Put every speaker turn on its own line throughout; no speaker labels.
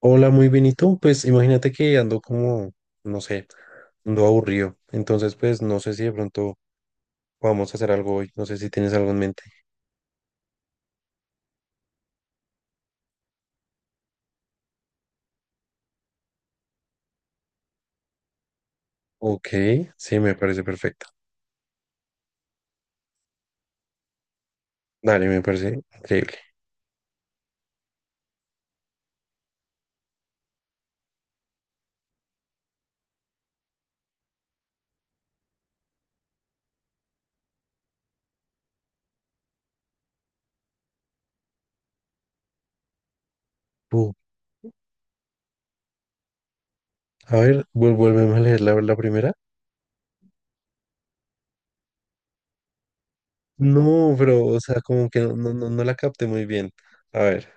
Hola, muy bien, ¿y tú? Pues imagínate que ando como, no sé, ando aburrido. Entonces, pues no sé si de pronto vamos a hacer algo hoy. No sé si tienes algo en mente. Ok, sí, me parece perfecto. Dale, me parece increíble. Uh, a ver, vuélveme a leer la primera. No, pero, o sea, como que no la capté muy bien. A ver,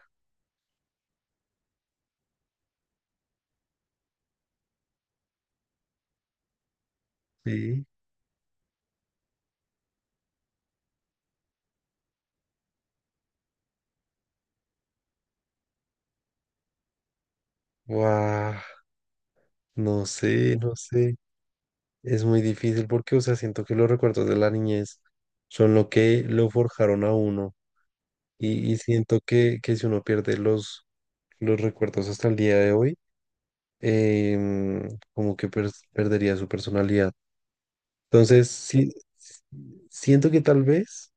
sí. Guau, no sé. Es muy difícil porque, o sea, siento que los recuerdos de la niñez son lo que lo forjaron a uno. Y siento que si uno pierde los recuerdos hasta el día de hoy, como que perdería su personalidad. Entonces, sí, s- siento que tal vez,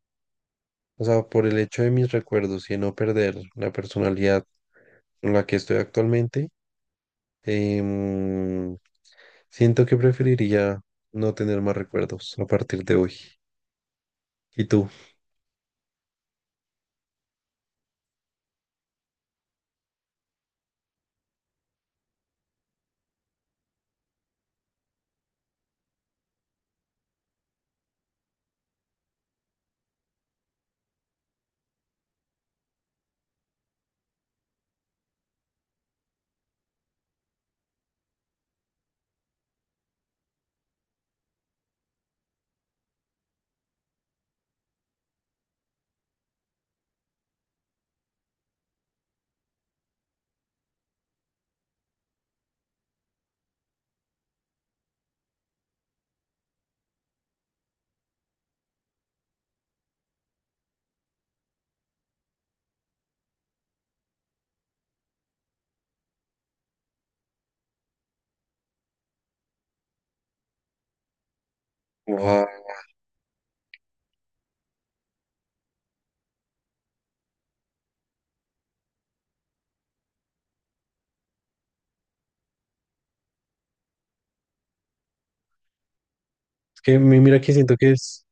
o sea, por el hecho de mis recuerdos y de no perder la personalidad con la que estoy actualmente, em, siento que preferiría no tener más recuerdos a partir de hoy. ¿Y tú? Wow. Es que mira que siento que es...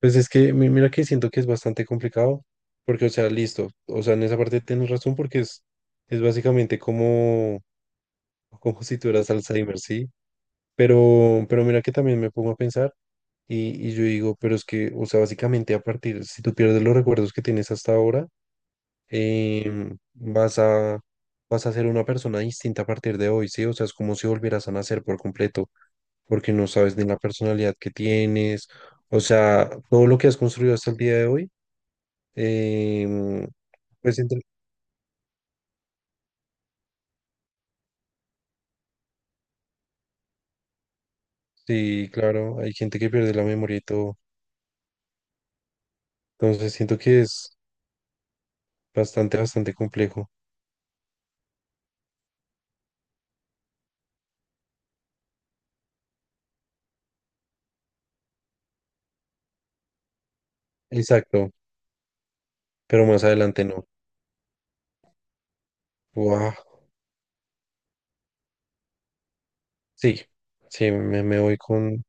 Pues es que mira que siento que es bastante complicado, porque, o sea, listo, o sea, en esa parte tienes razón porque es básicamente como, como si tuvieras Alzheimer, ¿sí? Pero mira que también me pongo a pensar y yo digo, pero es que, o sea, básicamente a partir, si tú pierdes los recuerdos que tienes hasta ahora, vas a, vas a ser una persona distinta a partir de hoy, ¿sí? O sea, es como si volvieras a nacer por completo, porque no sabes ni la personalidad que tienes, o sea, todo lo que has construido hasta el día de hoy. Em, pues sí, claro, hay gente que pierde la memoria y todo. Entonces siento que es bastante, bastante complejo. Exacto, pero más adelante no. Guau, sí, sí, me voy con,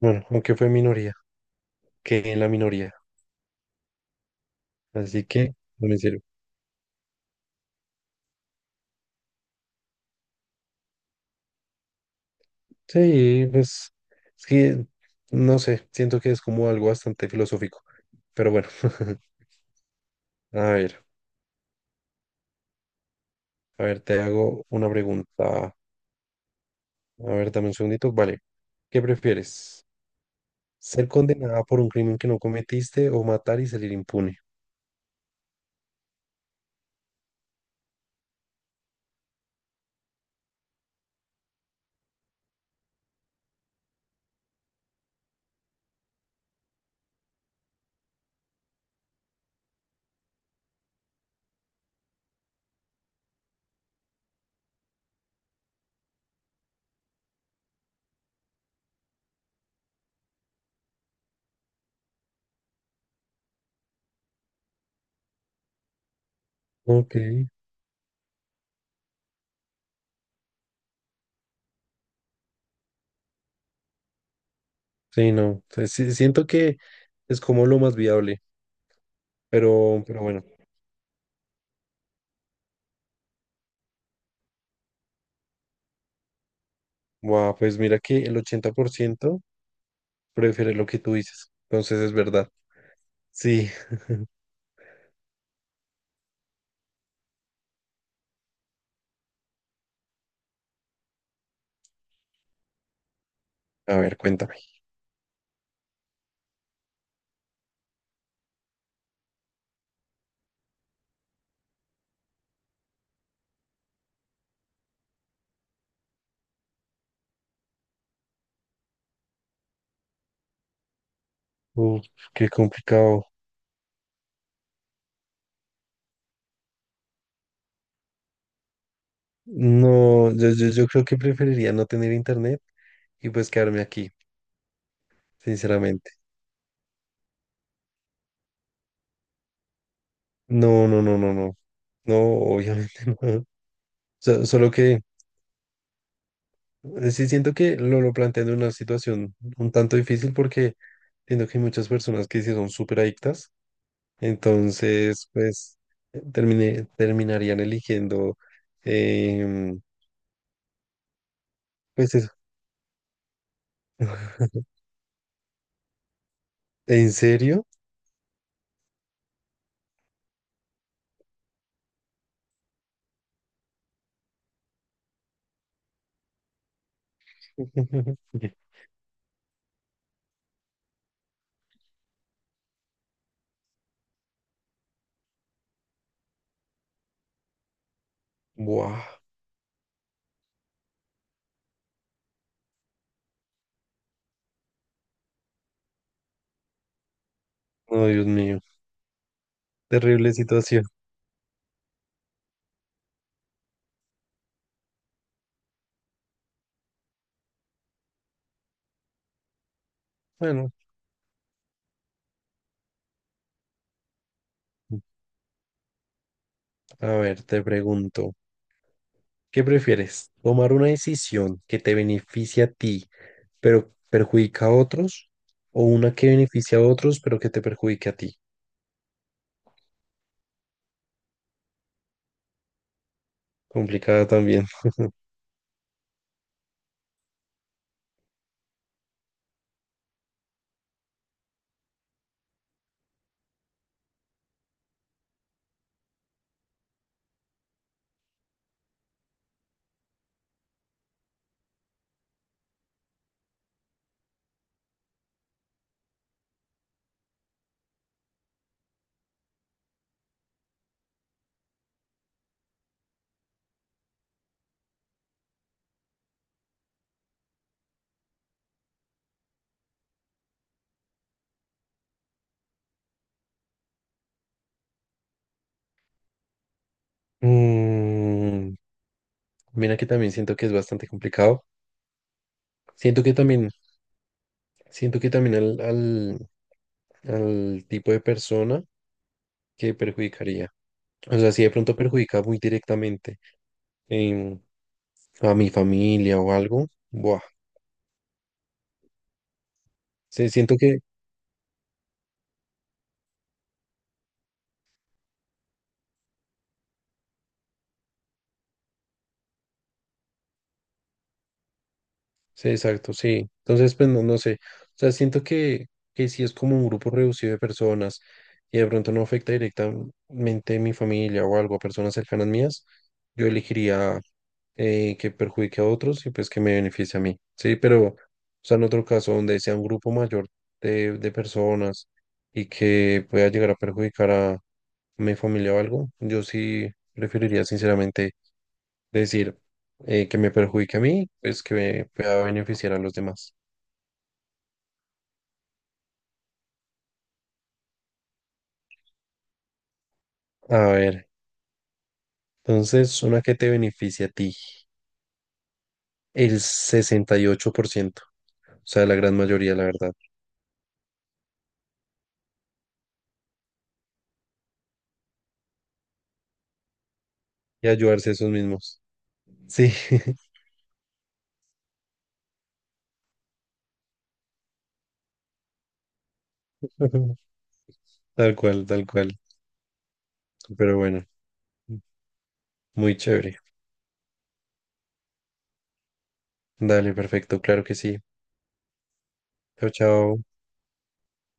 bueno, aunque fue minoría, que en la minoría. Así que, no me sirve. Sí, pues, es que, no sé, siento que es como algo bastante filosófico. Pero bueno, a ver, a ver, te hago una pregunta. A ver, dame un segundito. Vale, ¿qué prefieres? Ser condenada por un crimen que no cometiste o matar y salir impune. Ok. Sí, no. Sí, sí, siento que es como lo más viable, pero bueno. Wow, pues mira que el 80% prefiere lo que tú dices. Entonces es verdad. Sí. A ver, cuéntame. Uf, qué complicado. No, yo creo que preferiría no tener internet y pues quedarme aquí, sinceramente. No, no, no, no, no. No, obviamente no. Solo que sí, siento que lo plantean en una situación un tanto difícil porque siento que hay muchas personas que sí son súper adictas, entonces pues terminarían eligiendo, em, pues eso, ¿en serio? Buah, no, Dios mío, terrible situación. Bueno, a ver, te pregunto. ¿Qué prefieres? ¿Tomar una decisión que te beneficie a ti, pero perjudica a otros? ¿O una que beneficia a otros, pero que te perjudique a ti? Complicada también. Mm, mira que también siento que es bastante complicado. Siento que también, siento que también al tipo de persona que perjudicaría. O sea, si de pronto perjudica muy directamente em, a mi familia o algo, buah. Sí, siento que sí, exacto, sí. Entonces, pues no, no sé. O sea, siento que si es como un grupo reducido de personas y de pronto no afecta directamente a mi familia o algo, a personas cercanas mías, yo elegiría que perjudique a otros y pues que me beneficie a mí. Sí, pero, o sea, en otro caso, donde sea un grupo mayor de personas y que pueda llegar a perjudicar a mi familia o algo, yo sí preferiría sinceramente decir que me perjudique a mí, pues que me pueda beneficiar a los demás. A ver, entonces una que te beneficia a ti, el 68%, o sea, la gran mayoría, la verdad, y ayudarse a esos mismos. Sí, tal cual, tal cual. Pero bueno, muy chévere. Dale, perfecto, claro que sí. Chao, chao.